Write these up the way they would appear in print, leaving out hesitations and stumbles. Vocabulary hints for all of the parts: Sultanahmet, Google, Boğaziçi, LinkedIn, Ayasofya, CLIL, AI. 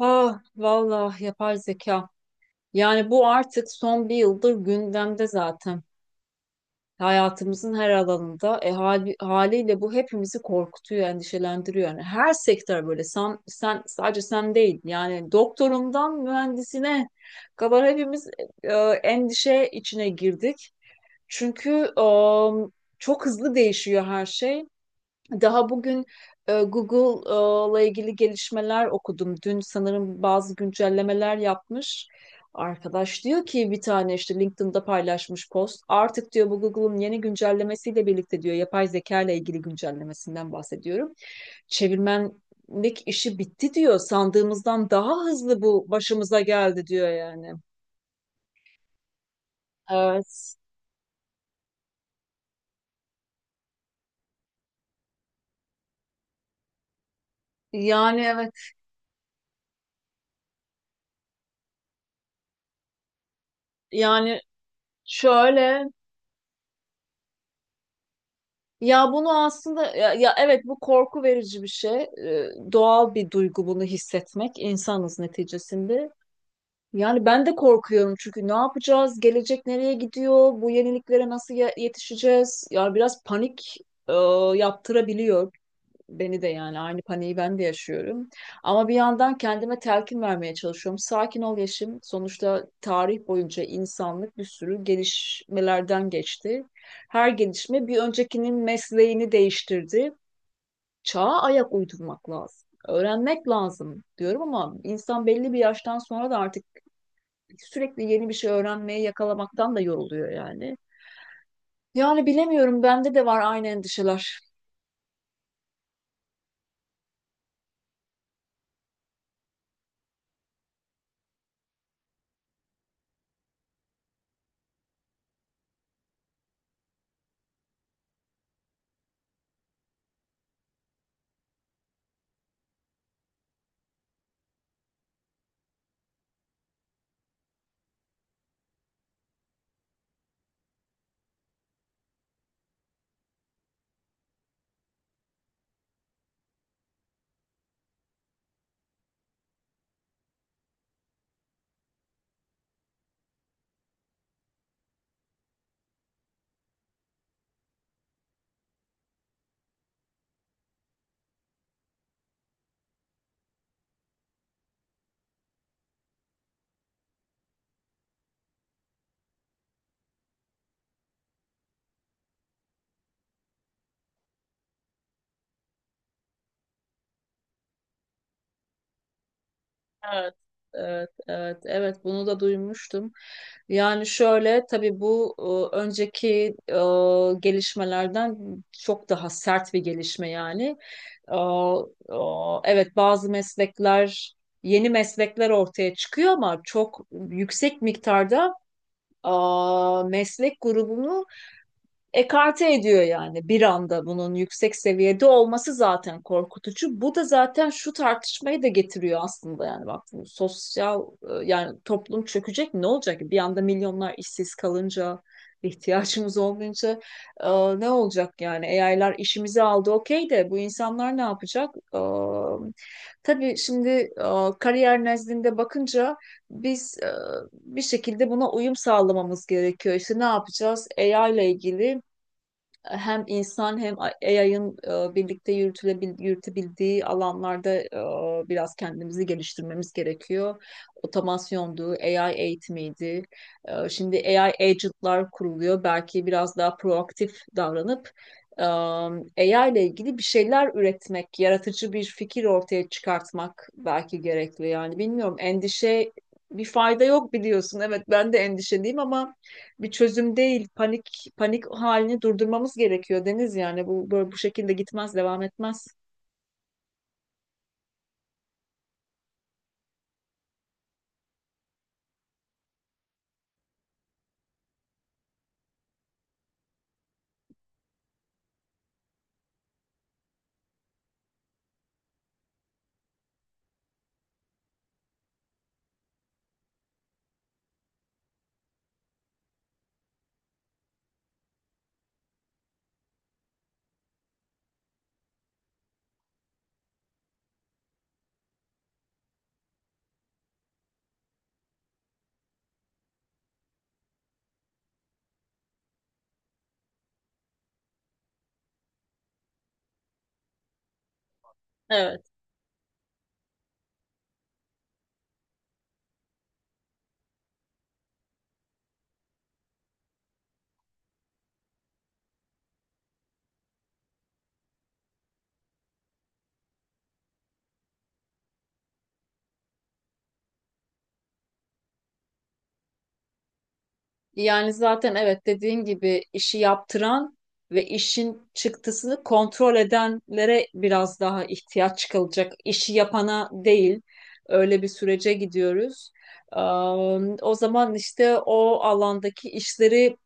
Ah vallahi yapay zeka. Yani bu artık son bir yıldır gündemde zaten. Hayatımızın her alanında haliyle bu hepimizi korkutuyor, endişelendiriyor. Yani her sektör böyle. Sen sadece sen değil. Yani doktorundan mühendisine kadar hepimiz e, endişe içine girdik. Çünkü e, çok hızlı değişiyor her şey. Daha bugün Google'la ilgili gelişmeler okudum. Dün sanırım bazı güncellemeler yapmış. Arkadaş diyor ki bir tane işte LinkedIn'da paylaşmış post. Artık diyor bu Google'ın yeni güncellemesiyle birlikte diyor, yapay zeka ile ilgili güncellemesinden bahsediyorum. Çevirmenlik işi bitti diyor. Sandığımızdan daha hızlı bu başımıza geldi diyor yani. Evet. Yani evet. Yani şöyle. Ya bunu aslında, ya evet, bu korku verici bir şey. Doğal bir duygu bunu hissetmek. İnsanız neticesinde. Yani ben de korkuyorum, çünkü ne yapacağız? Gelecek nereye gidiyor? Bu yeniliklere nasıl yetişeceğiz? Yani biraz panik e, yaptırabiliyor. Beni de, yani aynı paniği ben de yaşıyorum. Ama bir yandan kendime telkin vermeye çalışıyorum. Sakin ol Yeşim. Sonuçta tarih boyunca insanlık bir sürü gelişmelerden geçti. Her gelişme bir öncekinin mesleğini değiştirdi. Çağa ayak uydurmak lazım. Öğrenmek lazım diyorum, ama insan belli bir yaştan sonra da artık sürekli yeni bir şey öğrenmeye yakalamaktan da yoruluyor yani. Yani bilemiyorum, bende de var aynı endişeler. Evet, evet, evet, evet, bunu da duymuştum. Yani şöyle, tabii bu önceki e, gelişmelerden çok daha sert bir gelişme yani. E, e, evet, bazı meslekler, yeni meslekler ortaya çıkıyor ama çok yüksek miktarda e, meslek grubunu ekarte ediyor, yani bir anda bunun yüksek seviyede olması zaten korkutucu. Bu da zaten şu tartışmayı da getiriyor aslında, yani bak sosyal, yani toplum çökecek, ne olacak ki? Bir anda milyonlar işsiz kalınca, ihtiyacımız olmayınca, e, ne olacak yani? AI'lar işimizi aldı, okey, de bu insanlar ne yapacak? Tabii şimdi kariyer nezdinde bakınca, biz bir şekilde buna uyum sağlamamız gerekiyor. İşte ne yapacağız? AI ile ilgili hem insan hem AI'ın birlikte yürütebildiği alanlarda biraz kendimizi geliştirmemiz gerekiyor. Otomasyondu, AI eğitimiydi. Şimdi AI agentlar kuruluyor. Belki biraz daha proaktif davranıp AI ile ilgili bir şeyler üretmek, yaratıcı bir fikir ortaya çıkartmak belki gerekli. Yani bilmiyorum, endişe bir fayda yok biliyorsun. Evet, ben de endişeliyim ama bir çözüm değil. Panik panik halini durdurmamız gerekiyor Deniz, yani bu böyle bu şekilde gitmez, devam etmez. Evet. Yani zaten, evet, dediğin gibi işi yaptıran ve işin çıktısını kontrol edenlere biraz daha ihtiyaç çıkılacak. İşi yapana değil. Öyle bir sürece gidiyoruz. Eee, O zaman işte o alandaki işleri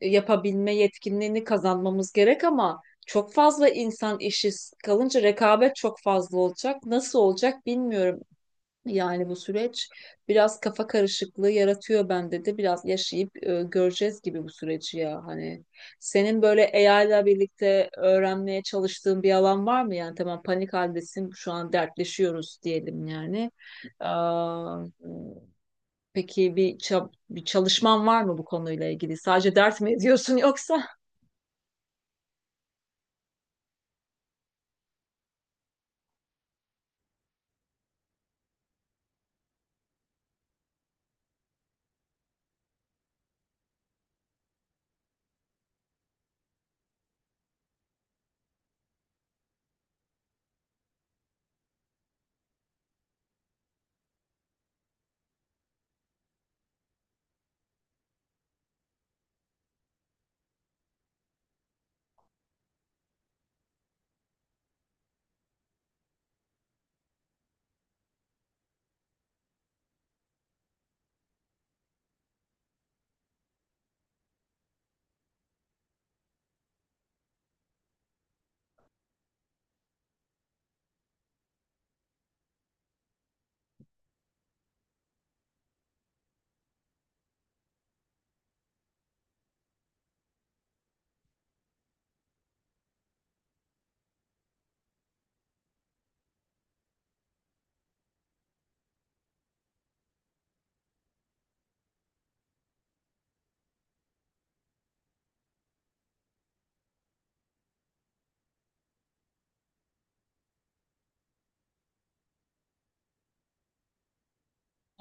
yapabilme yetkinliğini kazanmamız gerek ama çok fazla insan işi kalınca rekabet çok fazla olacak. Nasıl olacak bilmiyorum. Yani bu süreç biraz kafa karışıklığı yaratıyor bende de. Biraz yaşayıp göreceğiz gibi bu süreci ya. Hani senin böyle AI ile birlikte öğrenmeye çalıştığın bir alan var mı? Yani tamam, panik haldesin, şu an dertleşiyoruz diyelim yani. Aa, peki bir çalışman var mı bu konuyla ilgili? Sadece dert mi ediyorsun yoksa?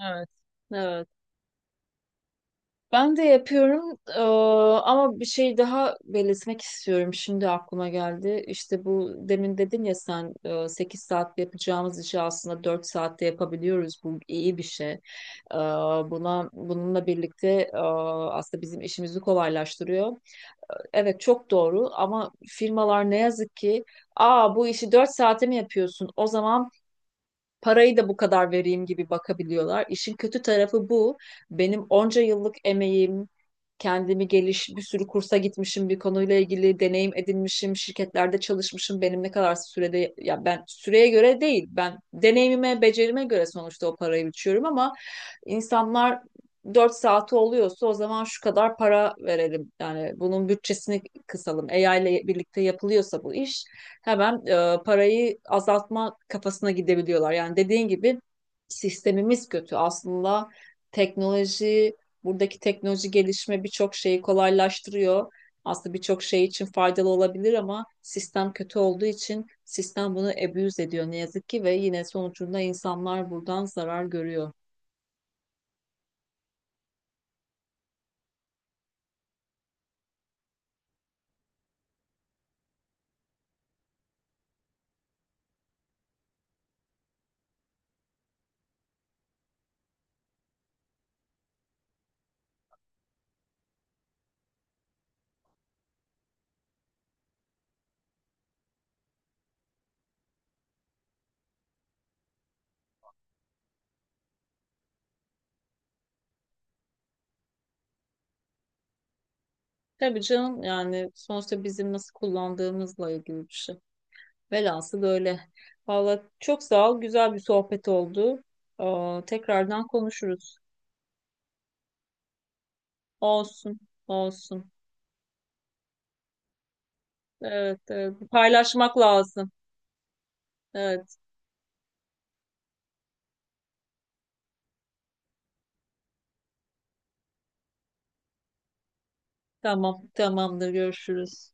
Evet. Evet. Ben de yapıyorum, ama bir şey daha belirtmek istiyorum. Şimdi aklıma geldi. İşte bu demin dedin ya sen, 8 saatte yapacağımız işi aslında 4 saatte yapabiliyoruz. Bu iyi bir şey. Eee, Buna, bununla birlikte, eee, aslında bizim işimizi kolaylaştırıyor. Evet, çok doğru, ama firmalar ne yazık ki, aa, bu işi 4 saate mi yapıyorsun? O zaman parayı da bu kadar vereyim gibi bakabiliyorlar. İşin kötü tarafı bu. Benim onca yıllık emeğim, bir sürü kursa gitmişim, bir konuyla ilgili deneyim edinmişim, şirketlerde çalışmışım. Benim ne kadar sürede, ya ben süreye göre değil, ben deneyimime, becerime göre sonuçta o parayı biçiyorum, ama insanlar 4 saati oluyorsa o zaman şu kadar para verelim. Yani bunun bütçesini kısalım. AI ile birlikte yapılıyorsa bu iş, hemen parayı azaltma kafasına gidebiliyorlar. Yani dediğin gibi sistemimiz kötü. Aslında teknoloji, buradaki teknoloji gelişme birçok şeyi kolaylaştırıyor. Aslında birçok şey için faydalı olabilir ama sistem kötü olduğu için sistem bunu abuse ediyor ne yazık ki, ve yine sonucunda insanlar buradan zarar görüyor. Tabii canım, yani sonuçta bizim nasıl kullandığımızla ilgili bir şey. Velhasıl böyle. Vallahi çok sağ ol. Güzel bir sohbet oldu. Aa, tekrardan konuşuruz. Olsun. Olsun. Evet, evet. Paylaşmak lazım. Evet. Tamam. Tamamdır. Görüşürüz.